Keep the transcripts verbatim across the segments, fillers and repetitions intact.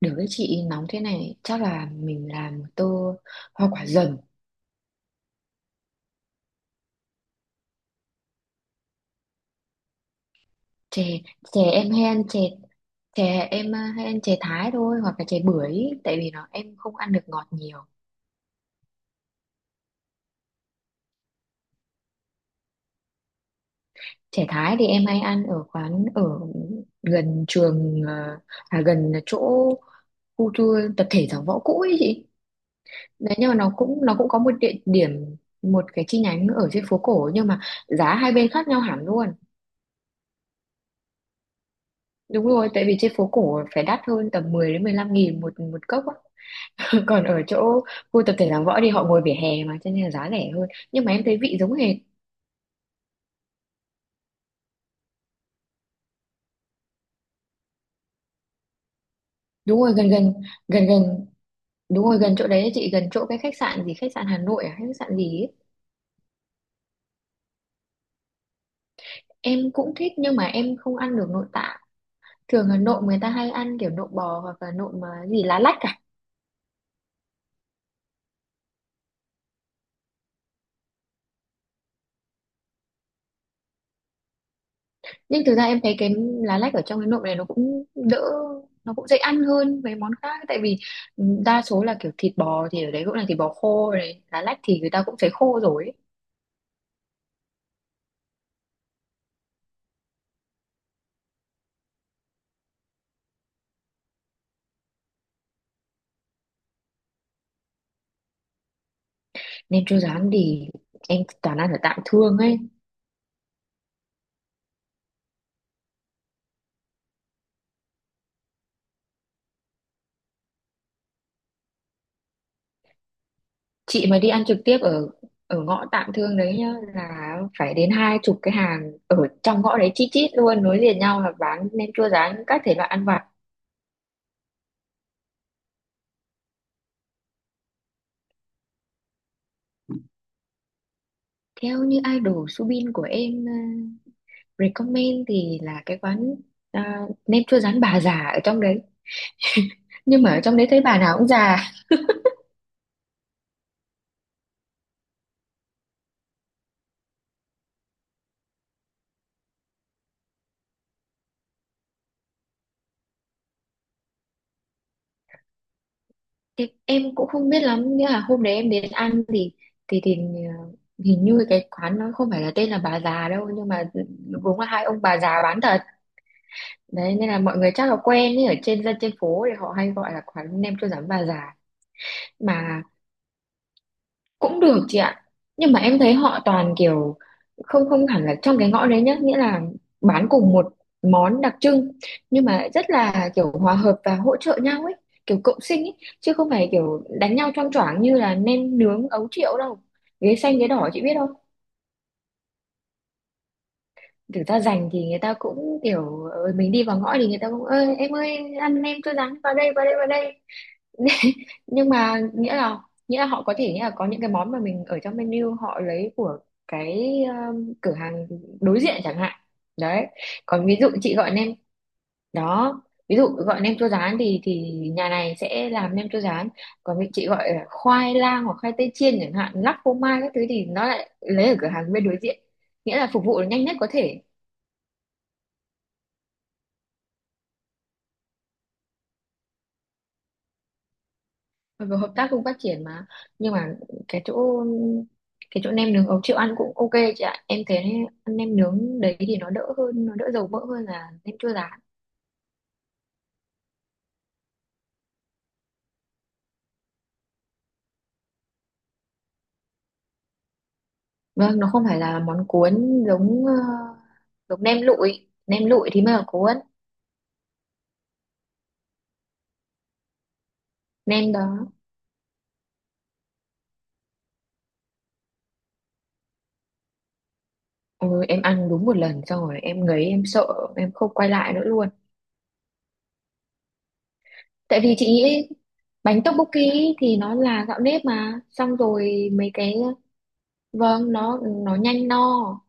Được, với chị nóng thế này chắc là mình làm một tô hoa quả dầm. Chè chè em hay ăn chè chè em à, hay ăn chè Thái thôi, hoặc là chè bưởi, tại vì nó em không ăn được ngọt nhiều. Chè Thái thì em hay ăn ở quán ở gần trường, à, à gần chỗ khu tour tập thể Giảng Võ cũ ấy chị. Đấy, nhưng mà nó cũng nó cũng có một địa điểm, một cái chi nhánh ở trên phố cổ, nhưng mà giá hai bên khác nhau hẳn luôn. Đúng rồi, tại vì trên phố cổ phải đắt hơn, tầm mười đến mười lăm nghìn một một cốc á. Còn ở chỗ khu tập thể Giảng Võ thì họ ngồi vỉa hè mà, cho nên là giá rẻ hơn. Nhưng mà em thấy vị giống hệt. Đúng rồi, gần gần gần gần đúng rồi, gần chỗ đấy ấy chị, gần chỗ cái khách sạn gì, khách sạn Hà Nội à, khách sạn gì ấy. Em cũng thích nhưng mà em không ăn được nội tạng. Thường là nộm người ta hay ăn kiểu nộm bò hoặc là nộm à, gì lá lách cả. Nhưng thực ra em thấy cái lá lách ở trong cái nộm này nó cũng đỡ, nó cũng dễ ăn hơn mấy món khác. Tại vì ừ, đa số là kiểu thịt bò, thì ở đấy cũng là thịt bò khô này, lá lách thì người ta cũng phải khô rồi ấy. Nên chưa dám thì em toàn ăn ở Tạm Thương ấy. Chị mà đi ăn trực tiếp ở ở ngõ Tạm Thương đấy nhá là phải đến hai chục cái hàng ở trong ngõ đấy, chít chít luôn, nối liền nhau, là bán nem chua rán các thể loại ăn vặt. Theo như idol Subin của em ờ, recommend thì là cái quán à, nem chua rán bà già ở trong đấy. Nhưng mà ở trong đấy thấy bà nào cũng già. Thì em cũng không biết lắm, nhưng mà hôm đấy em đến ăn thì thì thì ờ, hình như cái quán nó không phải là tên là bà già đâu, nhưng mà đúng là hai ông bà già bán thật. Đấy, nên là mọi người chắc là quen ấy, ở trên dân trên phố thì họ hay gọi là quán nem chua rán bà già. Mà cũng được chị ạ, nhưng mà em thấy họ toàn kiểu không không hẳn là trong cái ngõ đấy nhá, nghĩa là bán cùng một món đặc trưng, nhưng mà rất là kiểu hòa hợp và hỗ trợ nhau ấy, kiểu cộng sinh ấy, chứ không phải kiểu đánh nhau choang choảng như là nem nướng Ấu Triệu đâu. Ghế xanh ghế đỏ chị biết không. Thực ra rành thì người ta cũng kiểu ờ, mình đi vào ngõ thì người ta cũng ơi em ơi ăn nem cho rán vào đây vào đây vào đây. Nhưng mà nghĩa là, nghĩa là họ có thể nghĩa là có những cái món mà mình ở trong menu, họ lấy của cái um, cửa hàng đối diện chẳng hạn. Đấy, còn ví dụ chị gọi nem đó, ví dụ gọi nem chua rán thì thì nhà này sẽ làm nem chua rán, còn vị chị gọi là khoai lang hoặc khoai tây chiên chẳng hạn, lắc phô mai các thứ, thì nó lại lấy ở cửa hàng bên đối diện. Nghĩa là phục vụ nhanh nhất có thể. Mặc dù hợp tác cùng phát triển mà, nhưng mà cái chỗ cái chỗ nem nướng Ấu Triệu ăn cũng ok chị ạ, em thấy ăn nem nướng đấy thì nó đỡ hơn, nó đỡ dầu mỡ hơn là nem chua rán. Vâng, nó không phải là món cuốn, giống ờ, giống nem lụi. Nem lụi thì mới là cuốn. Nem đó. Ừ, em ăn đúng một lần xong rồi em ngấy, em sợ, em không quay lại nữa luôn. Tại vì chị nghĩ bánh tteokbokki thì nó là gạo nếp mà, xong rồi mấy cái. Vâng, nó nó nhanh no,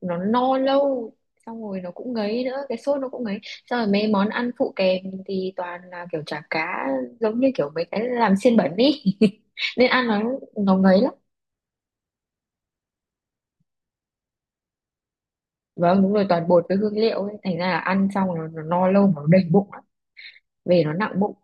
nó no lâu, xong rồi nó cũng ngấy nữa, cái sốt nó cũng ngấy, xong rồi mấy món ăn phụ kèm thì toàn là kiểu chả cá, giống như kiểu mấy cái làm xiên bẩn ý. Nên ăn nó nó ngấy lắm. Vâng đúng rồi, toàn bột với hương liệu ấy. Thành ra là ăn xong rồi nó, nó no lâu mà nó đầy bụng lắm, về nó nặng bụng.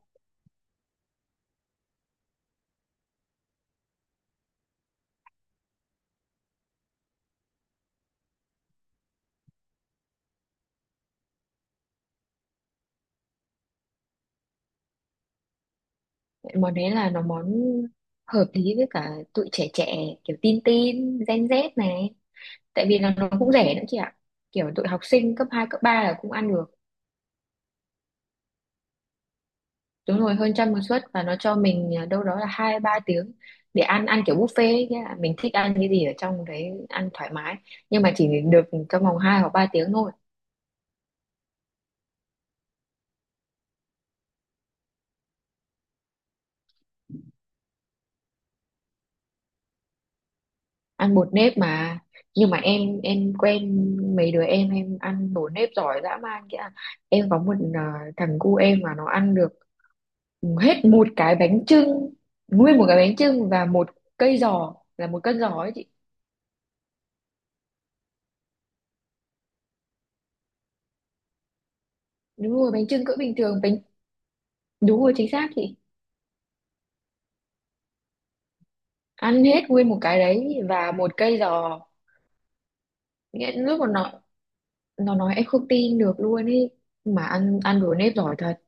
Món đấy là nó món hợp lý với cả tụi trẻ trẻ, kiểu tin tin gen dét này. Tại vì là nó cũng rẻ nữa chị ạ, kiểu tụi học sinh cấp hai cấp ba là cũng ăn được. Đúng rồi hơn trăm một suất, và nó cho mình à, đâu đó là hai ba tiếng để ăn ăn kiểu buffet ấy, nghĩa là mình thích ăn cái gì ở trong đấy ăn thoải mái, nhưng mà chỉ được trong vòng hai hoặc ba tiếng thôi. Ăn bột nếp mà. Nhưng mà em em quen mấy đứa em em ăn bột nếp giỏi dã man kia. Em có một à, thằng cu em mà nó ăn được hết một cái bánh chưng, nguyên một cái bánh chưng và một cây giò, là một cân giò ấy chị. Đúng rồi, bánh chưng cỡ bình thường. Bánh đúng rồi chính xác chị. Ăn hết nguyên một cái đấy và một cây giò. Nghĩa lúc mà nó nó nói em không tin được luôn ý, mà ăn ăn đồ nếp giỏi thật.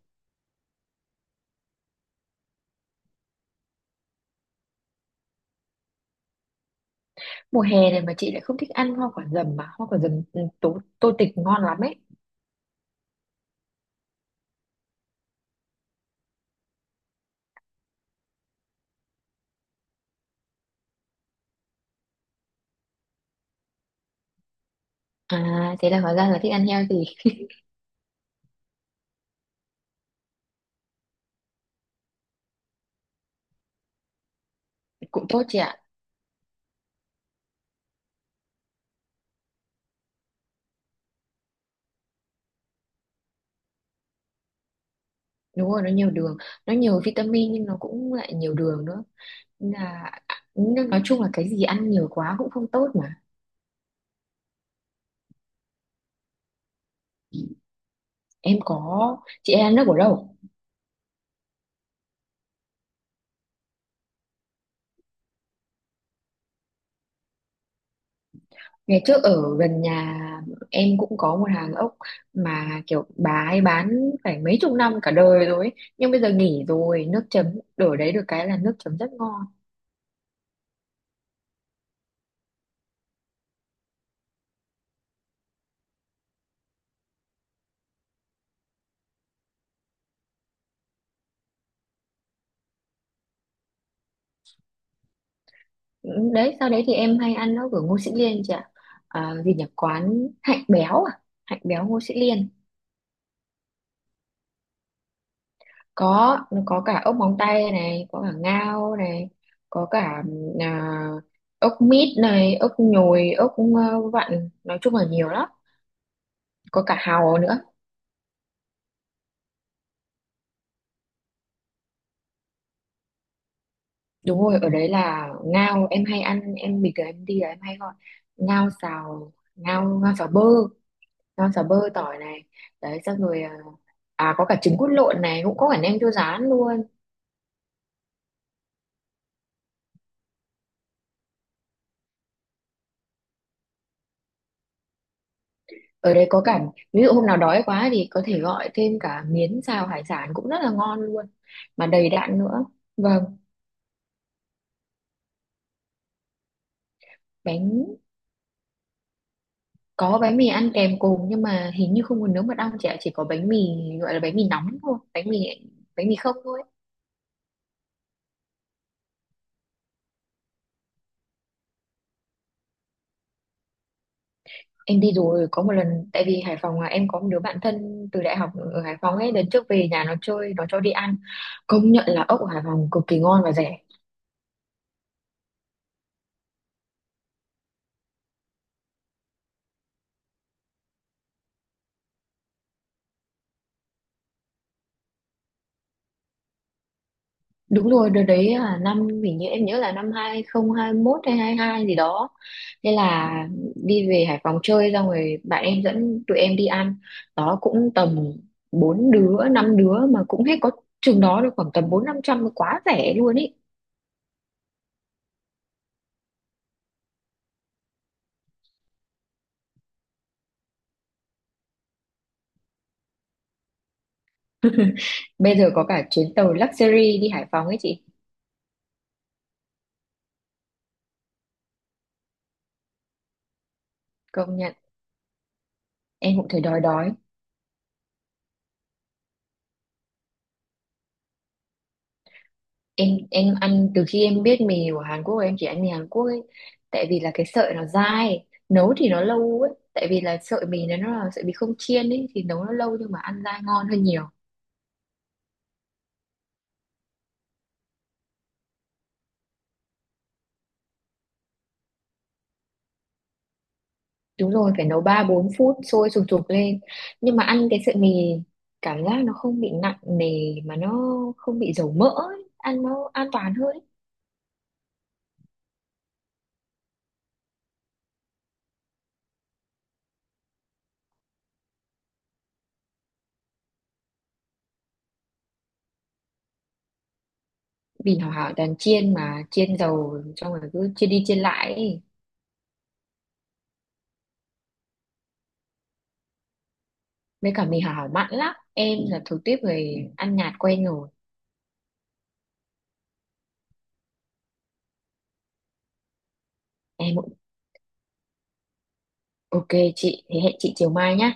Mùa hè này mà chị lại không thích ăn hoa quả dầm, mà hoa quả dầm ừ, tô, tô tịch ngon lắm ấy. À, thế là hóa ra là thích ăn heo thì cũng tốt chị ạ. Đúng rồi, nó nhiều đường, nó nhiều vitamin nhưng nó cũng lại nhiều đường nữa. Nên là nên nói chung là cái gì ăn nhiều quá cũng không tốt mà. Em có. Chị em ăn nước ở đâu? Ngày trước ở gần nhà em cũng có một hàng ốc, mà kiểu bà ấy bán phải mấy chục năm, cả đời rồi ấy. Nhưng bây giờ nghỉ rồi. Nước chấm đổi đấy, được cái là nước chấm rất ngon. Ừ. Đấy, sau đấy thì em hay ăn ốc ở Ngô Sĩ Liên chị ạ. À, gì nhỉ? Quán Hạnh Béo à? Hạnh Béo Ngô Sĩ Liên. Có, nó có cả ốc móng tay này, có cả ngao này, có cả à, ốc mít này, ốc nhồi, ốc ờ, vặn. Nói chung là nhiều lắm. Có cả hàu nữa. Đúng rồi, ở đấy là ngao em hay ăn, em bình thường em đi là em hay gọi ngao xào, ngao ngao xào bơ, ngao xào bơ tỏi này. Đấy xong rồi à à, có cả trứng cút lộn này, cũng có cả nem chua rán luôn. Ở đây có cả ví dụ hôm nào đói quá thì có thể gọi thêm cả miến xào hải sản, cũng rất là ngon luôn mà đầy đặn nữa. Vâng, bánh có bánh mì ăn kèm cùng, nhưng mà hình như không có nướng mật ong chị, chỉ có bánh mì, gọi là bánh mì nóng thôi, bánh mì bánh mì không thôi. Em đi rồi, có một lần, tại vì Hải Phòng à, em có một đứa bạn thân từ đại học ở Hải Phòng ấy, lần trước về nhà nó chơi nó cho đi ăn. Công nhận là ốc ở Hải Phòng cực kỳ ngon và rẻ. Đúng rồi, đợt đấy là năm, hình như em nhớ là năm hai không hai mốt hay hai hai gì đó. Thế là đi về Hải Phòng chơi, xong rồi bạn em dẫn tụi em đi ăn, đó cũng tầm bốn đứa năm đứa mà cũng hết có chừng đó, được khoảng tầm bốn năm trăm, quá rẻ luôn ý. Bây giờ có cả chuyến tàu luxury đi Hải Phòng ấy chị. Công nhận. Em cũng thấy đói đói. Em em ăn từ khi em biết mì của Hàn Quốc, em chỉ ăn mì Hàn Quốc ấy. Tại vì là cái sợi nó dai, nấu thì nó lâu ấy, tại vì là sợi mì nó nó là sợi mì không chiên ấy, thì nấu nó lâu nhưng mà ăn dai ngon hơn nhiều. Đúng rồi, phải nấu ba bốn phút sôi sùng sục lên. Nhưng mà ăn cái sợi mì cảm giác nó không bị nặng nề, mà nó không bị dầu mỡ ấy, ăn nó an toàn hơn ấy. Vì Hảo Hảo toàn chiên mà, chiên dầu xong rồi cứ chiên đi chiên lại ấy. Với cả mì Hảo Hảo mặn lắm, em là thuộc tiếp người ăn nhạt quen rồi. Em ok chị, thế hẹn chị chiều mai nhá.